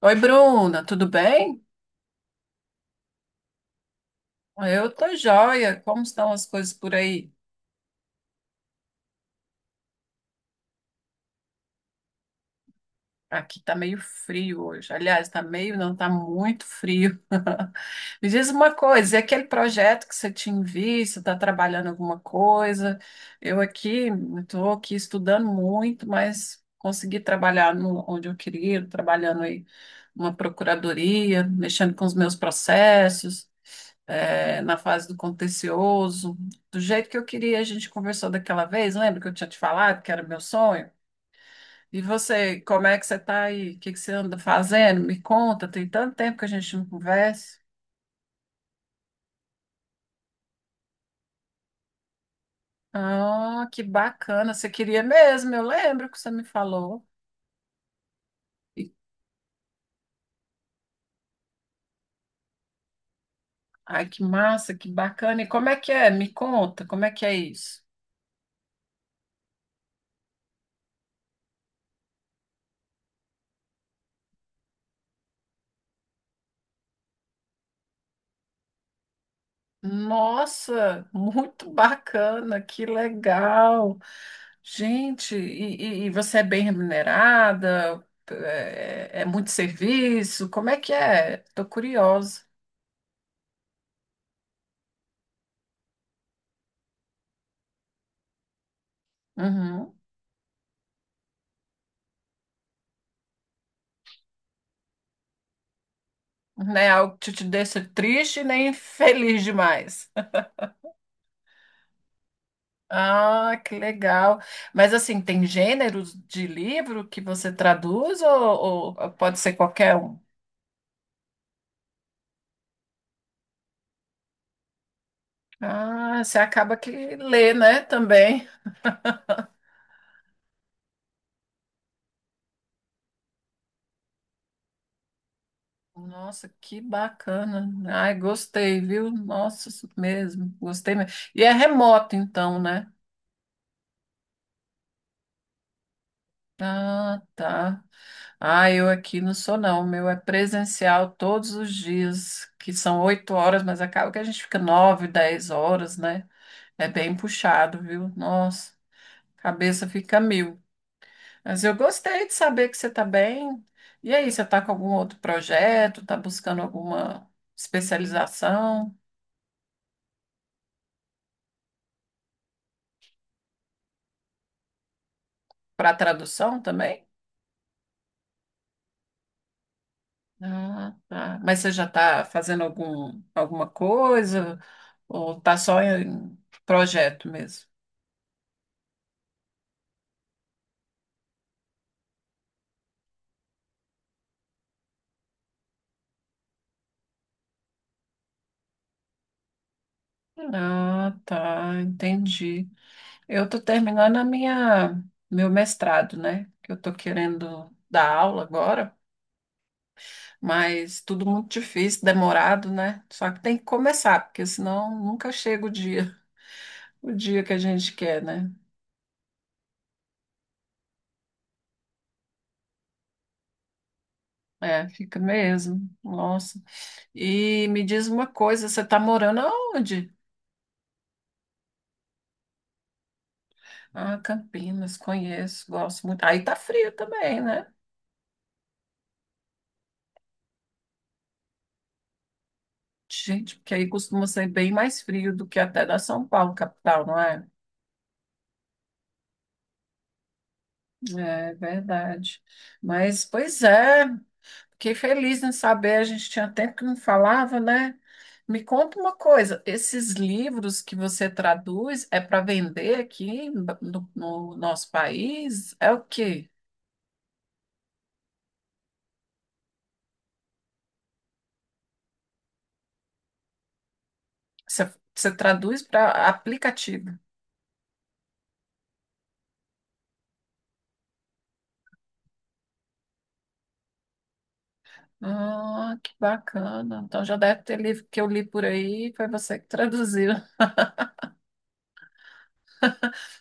Oi, Bruna, tudo bem? Eu tô joia. Como estão as coisas por aí? Aqui tá meio frio hoje. Aliás, tá meio, não, tá muito frio. Me diz uma coisa, e aquele projeto que você tinha visto, está trabalhando alguma coisa? Eu aqui, estou aqui estudando muito, mas consegui trabalhar no, onde eu queria, trabalhando aí numa procuradoria, mexendo com os meus processos. É, na fase do contencioso, do jeito que eu queria. A gente conversou daquela vez, lembra que eu tinha te falado que era meu sonho? E você, como é que você está aí? O que que você anda fazendo? Me conta, tem tanto tempo que a gente não conversa. Ah, que bacana, você queria mesmo, eu lembro que você me falou. E- Ai, que massa, que bacana. E como é que é? Me conta, como é que é isso? Nossa, muito bacana, que legal. Gente, e você é bem remunerada? É, é muito serviço? Como é que é? Tô curiosa. Uhum. Não é algo que te deixa triste nem feliz demais. Ah, que legal. Mas assim, tem gêneros de livro que você traduz ou pode ser qualquer um? Ah, você acaba que lê, né, também. Nossa, que bacana. Ai, gostei, viu? Nossa, isso mesmo, gostei mesmo. E é remoto, então, né? Ah, tá. Ah, eu aqui não sou, não. O meu é presencial todos os dias, que são 8 horas, mas acaba que a gente fica 9, 10 horas, né? É bem puxado, viu? Nossa, cabeça fica mil. Mas eu gostei de saber que você tá bem. E aí, você tá com algum outro projeto? Tá buscando alguma especialização para tradução também? Ah, tá. Mas você já está fazendo alguma coisa ou está só em projeto mesmo? Ah, tá, entendi. Eu estou terminando a minha meu mestrado, né? Que eu estou querendo dar aula agora, mas tudo muito difícil, demorado, né? Só que tem que começar, porque senão nunca chega o dia que a gente quer, né? É, fica mesmo. Nossa. E me diz uma coisa, você está morando aonde? Ah, Campinas, conheço, gosto muito. Aí tá frio também, né? Gente, porque aí costuma ser bem mais frio do que até da São Paulo, capital, não é? É verdade. Mas, pois é, fiquei feliz em saber, a gente tinha tempo que não falava, né? Me conta uma coisa, esses livros que você traduz é para vender aqui no nosso país? É o quê? Você, você traduz para aplicativo? Ah, que bacana. Então já deve ter livro que eu li por aí, foi você que traduziu.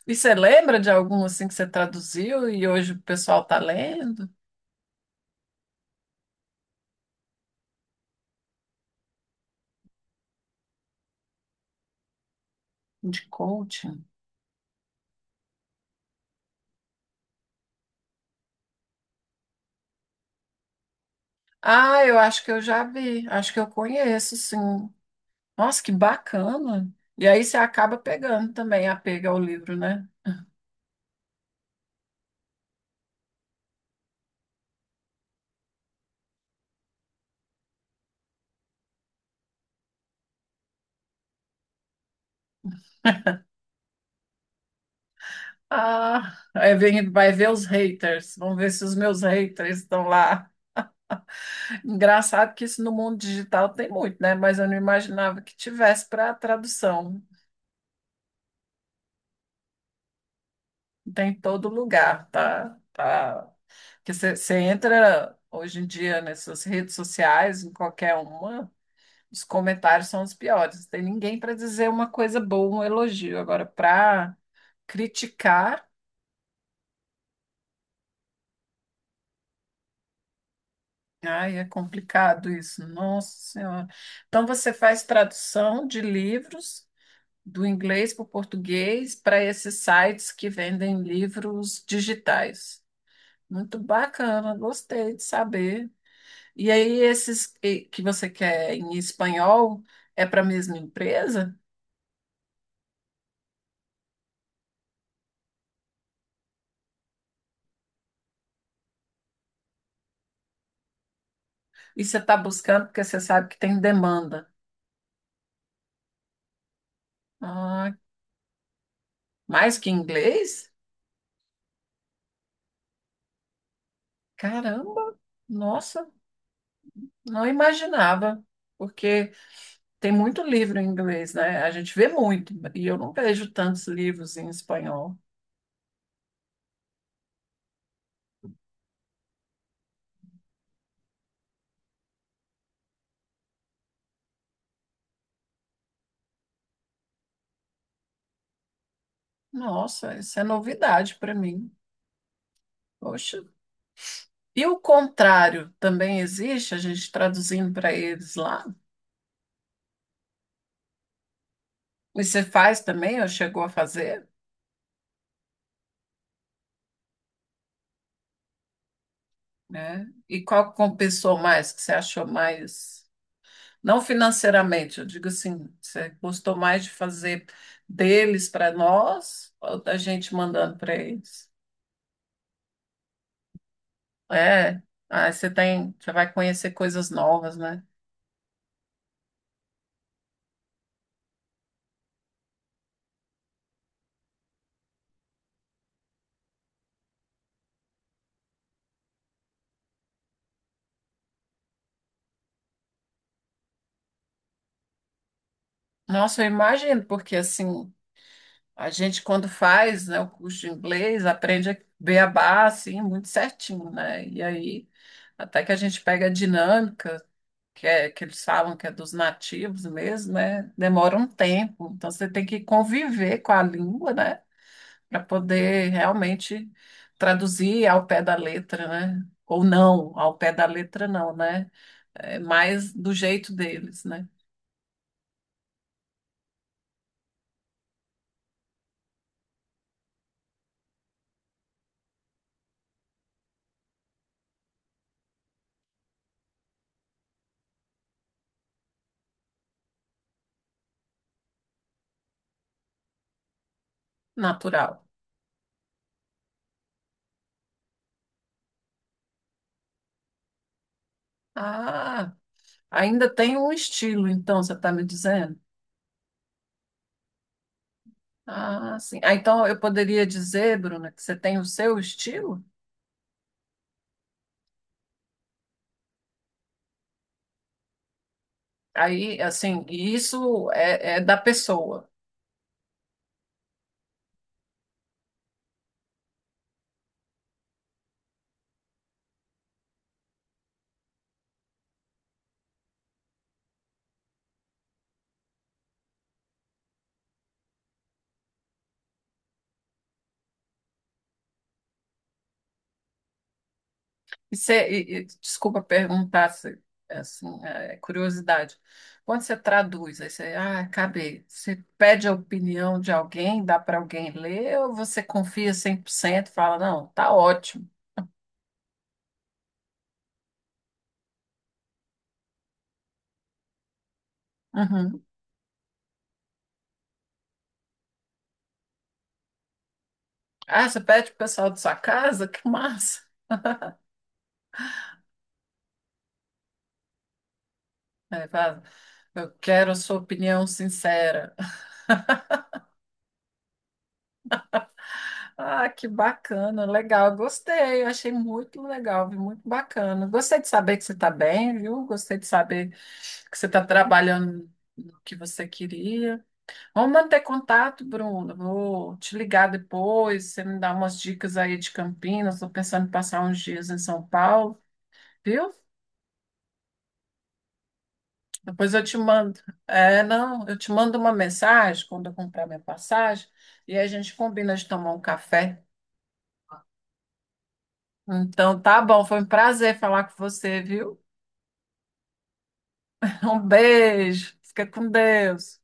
E você lembra de algum assim que você traduziu e hoje o pessoal está lendo? De coaching? Ah, eu acho que eu já vi, acho que eu conheço, sim. Nossa, que bacana. E aí você acaba pegando também apego ao livro, né? Ah, aí vem, vai ver os haters. Vamos ver se os meus haters estão lá. Engraçado que isso no mundo digital tem muito, né? Mas eu não imaginava que tivesse para tradução. Tem em todo lugar, tá? Tá. Que você entra hoje em dia nessas redes sociais, em qualquer uma, os comentários são os piores. Não tem ninguém para dizer uma coisa boa, um elogio. Agora, para criticar, ai, é complicado isso. Nossa Senhora. Então, você faz tradução de livros do inglês para o português para esses sites que vendem livros digitais. Muito bacana, gostei de saber. E aí, esses que você quer em espanhol é para a mesma empresa? E você está buscando porque você sabe que tem demanda. Ah, mais que inglês? Caramba! Nossa, não imaginava. Porque tem muito livro em inglês, né? A gente vê muito, e eu não vejo tantos livros em espanhol. Nossa, isso é novidade para mim. Poxa. E o contrário também existe, a gente traduzindo para eles lá. E você faz também, ou chegou a fazer? Né? E qual que compensou mais, que você achou mais, não financeiramente, eu digo assim, você gostou mais de fazer deles para nós ou da gente mandando para eles? É, aí você tem, você vai conhecer coisas novas, né? Nossa, eu imagino, porque assim, a gente quando faz, né, o curso de inglês, aprende a beabá, assim, muito certinho, né? E aí, até que a gente pega a dinâmica, que, é, que eles falam que é dos nativos mesmo, né? Demora um tempo. Então você tem que conviver com a língua, né? Para poder realmente traduzir ao pé da letra, né? Ou não, ao pé da letra não, né? É mais do jeito deles, né? Natural. Ah, ainda tem um estilo, então, você está me dizendo? Ah, sim. Ah, então eu poderia dizer, Bruna, que você tem o seu estilo? Aí, assim, e isso é da pessoa. E você, desculpa perguntar, assim, é curiosidade. Quando você traduz, aí você, ah, acabei. Você pede a opinião de alguém, dá para alguém ler, ou você confia 100% e fala, não, tá ótimo. Uhum. Ah, você pede pro pessoal da sua casa? Que massa. Aí fala, eu quero a sua opinião sincera. Ah, que bacana, legal, gostei, eu achei muito legal, viu? Muito bacana. Gostei de saber que você está bem, viu? Gostei de saber que você está trabalhando no que você queria. Vamos manter contato, Bruno. Vou te ligar depois, você me dá umas dicas aí de Campinas. Estou pensando em passar uns dias em São Paulo, viu? Depois eu te mando. É, não, eu te mando uma mensagem quando eu comprar minha passagem e aí a gente combina de tomar um café. Então, tá bom. Foi um prazer falar com você, viu? Um beijo. Fica com Deus.